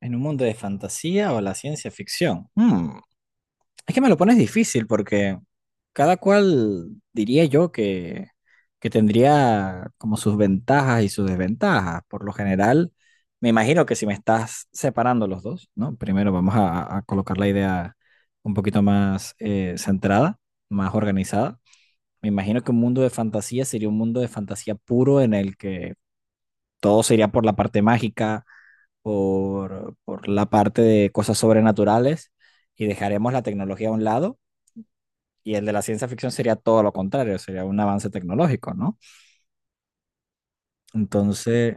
¿En un mundo de fantasía o la ciencia ficción? Es que me lo pones difícil porque cada cual diría yo que tendría como sus ventajas y sus desventajas. Por lo general, me imagino que si me estás separando los dos, ¿no? Primero vamos a colocar la idea un poquito más centrada, más organizada. Me imagino que un mundo de fantasía sería un mundo de fantasía puro en el que todo sería por la parte mágica por la parte de cosas sobrenaturales, y dejaremos la tecnología a un lado, y el de la ciencia ficción sería todo lo contrario, sería un avance tecnológico, ¿no? Entonces,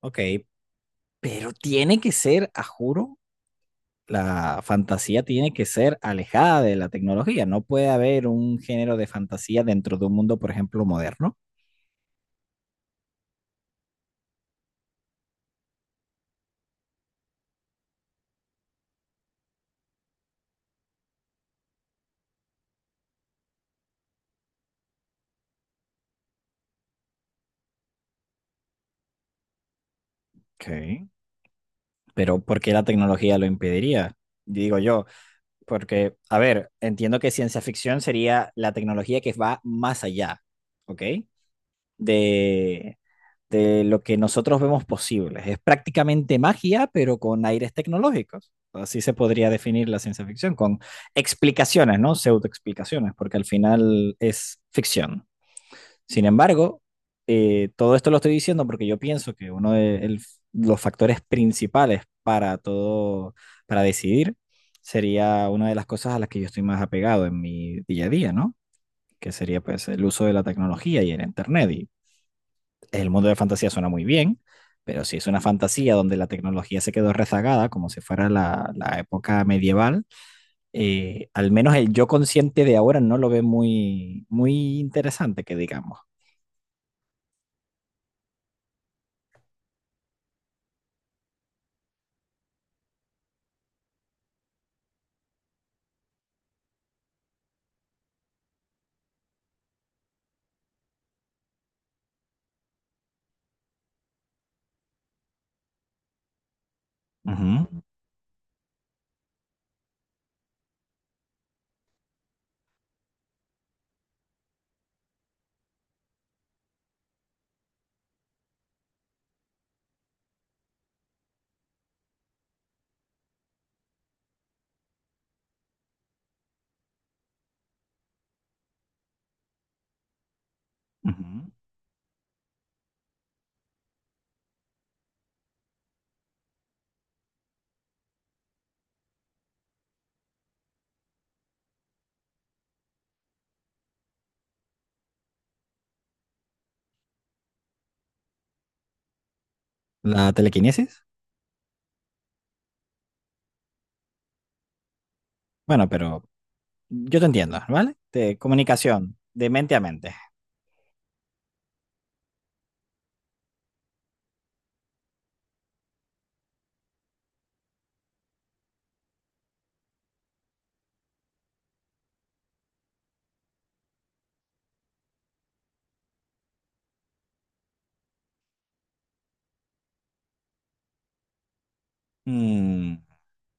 ok, pero tiene que ser, a juro, la fantasía tiene que ser alejada de la tecnología, no puede haber un género de fantasía dentro de un mundo, por ejemplo, moderno. Ok. Pero ¿por qué la tecnología lo impediría? Digo yo, porque, a ver, entiendo que ciencia ficción sería la tecnología que va más allá, ¿ok? De, de lo que nosotros vemos posible. Es prácticamente magia, pero con aires tecnológicos. Así se podría definir la ciencia ficción, con explicaciones, ¿no? Pseudoexplicaciones, porque al final es ficción. Sin embargo, todo esto lo estoy diciendo porque yo pienso que los factores principales para todo, para decidir, sería una de las cosas a las que yo estoy más apegado en mi día a día, ¿no? Que sería pues el uso de la tecnología y el internet. Y el mundo de fantasía suena muy bien, pero si es una fantasía donde la tecnología se quedó rezagada, como si fuera la época medieval, al menos el yo consciente de ahora no lo ve muy interesante, que digamos. Ujú, ujú. La telequinesis. Bueno, pero yo te entiendo, ¿vale? De comunicación, de mente a mente. Mm,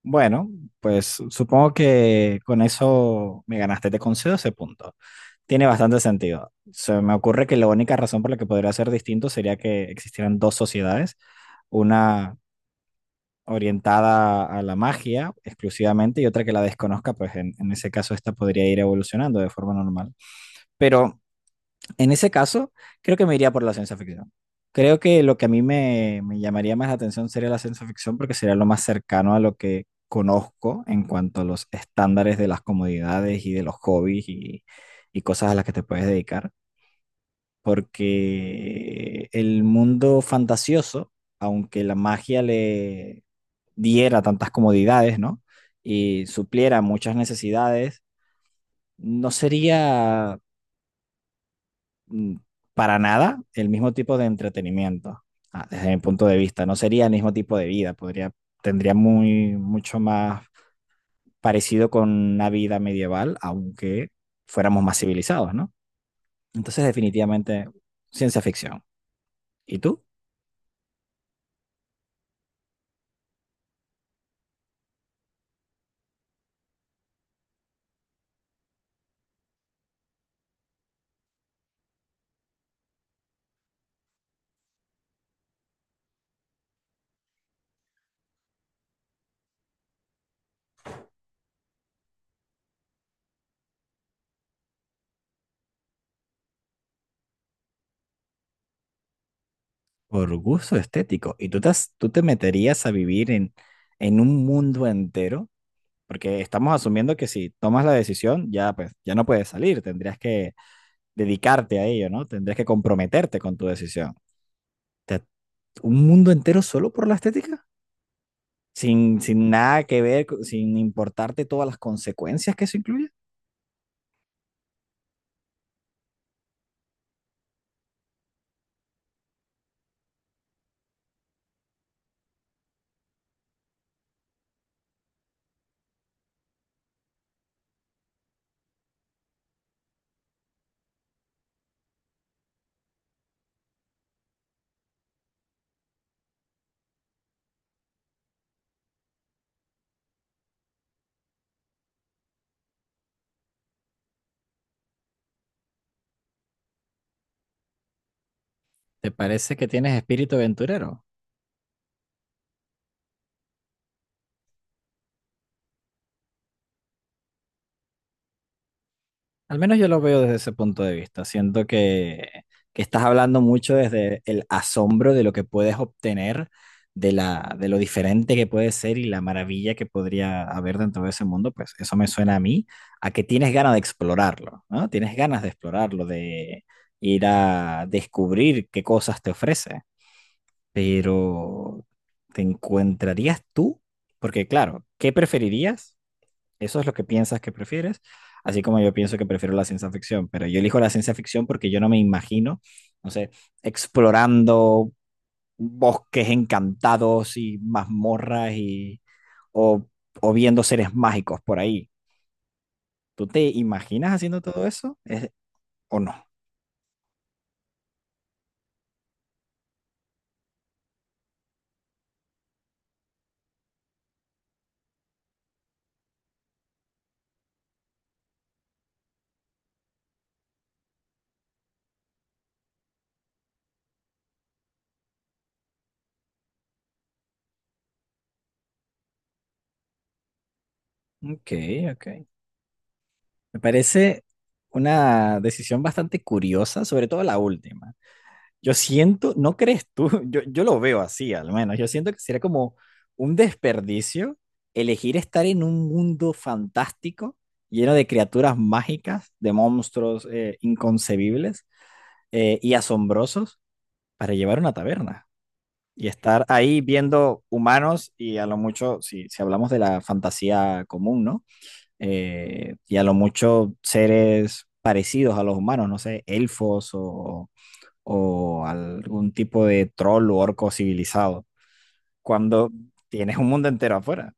bueno, pues supongo que con eso me ganaste. Te concedo ese punto. Tiene bastante sentido. Se me ocurre que la única razón por la que podría ser distinto sería que existieran dos sociedades, una orientada a la magia exclusivamente y otra que la desconozca, pues en ese caso esta podría ir evolucionando de forma normal. Pero en ese caso, creo que me iría por la ciencia ficción. Creo que lo que a mí me llamaría más la atención sería la ciencia ficción porque sería lo más cercano a lo que conozco en cuanto a los estándares de las comodidades y de los hobbies y cosas a las que te puedes dedicar. Porque el mundo fantasioso, aunque la magia le diera tantas comodidades, ¿no? Y supliera muchas necesidades, no sería mm, para nada el mismo tipo de entretenimiento, desde mi punto de vista. No sería el mismo tipo de vida, podría, tendría muy, mucho más parecido con una vida medieval, aunque fuéramos más civilizados, ¿no? Entonces, definitivamente, ciencia ficción. ¿Y tú? Por gusto estético. ¿Y tú te, tú te meterías a vivir en un mundo entero? Porque estamos asumiendo que si tomas la decisión, ya pues ya no puedes salir, tendrías que dedicarte a ello, ¿no? Tendrías que comprometerte con tu decisión. te- un mundo entero solo por la estética, sin nada que ver, sin importarte todas las consecuencias que eso incluye. ¿Te parece que tienes espíritu aventurero? Al menos yo lo veo desde ese punto de vista. Siento que estás hablando mucho desde el asombro de lo que puedes obtener, de de lo diferente que puede ser y la maravilla que podría haber dentro de ese mundo. Pues eso me suena a mí, a que tienes ganas de explorarlo, ¿no? Tienes ganas de explorarlo, de ir a descubrir qué cosas te ofrece. Pero, ¿te encontrarías tú? Porque claro, ¿qué preferirías? Eso es lo que piensas que prefieres, así como yo pienso que prefiero la ciencia ficción, pero yo elijo la ciencia ficción porque yo no me imagino, no sé, explorando bosques encantados y mazmorras y o, o viendo seres mágicos por ahí. ¿Tú te imaginas haciendo todo eso? ¿Es- o no? Ok, ok. Me parece una decisión bastante curiosa, sobre todo la última. Yo siento, ¿no crees tú? Yo lo veo así, al menos. Yo siento que sería como un desperdicio elegir estar en un mundo fantástico, lleno de criaturas mágicas, de monstruos inconcebibles y asombrosos, para llevar una taberna y estar ahí viendo humanos y a lo mucho, si, si hablamos de la fantasía común, ¿no? Y a lo mucho seres parecidos a los humanos, no sé, elfos o algún tipo de troll o orco civilizado, cuando tienes un mundo entero afuera.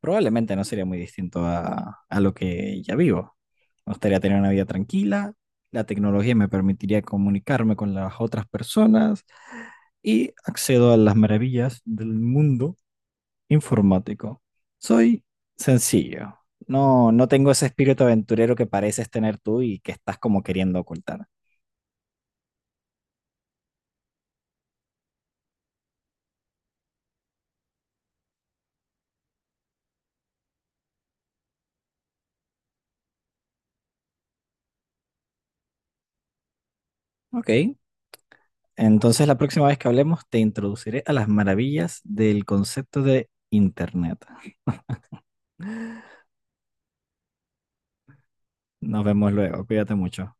Probablemente no sería muy distinto a lo que ya vivo. Me gustaría tener una vida tranquila, la tecnología me permitiría comunicarme con las otras personas y accedo a las maravillas del mundo informático. Soy sencillo. No, no tengo ese espíritu aventurero que pareces tener tú y que estás como queriendo ocultar. Ok, entonces, la próxima vez que hablemos, te introduciré a las maravillas del concepto de Internet. Nos vemos luego. Cuídate mucho.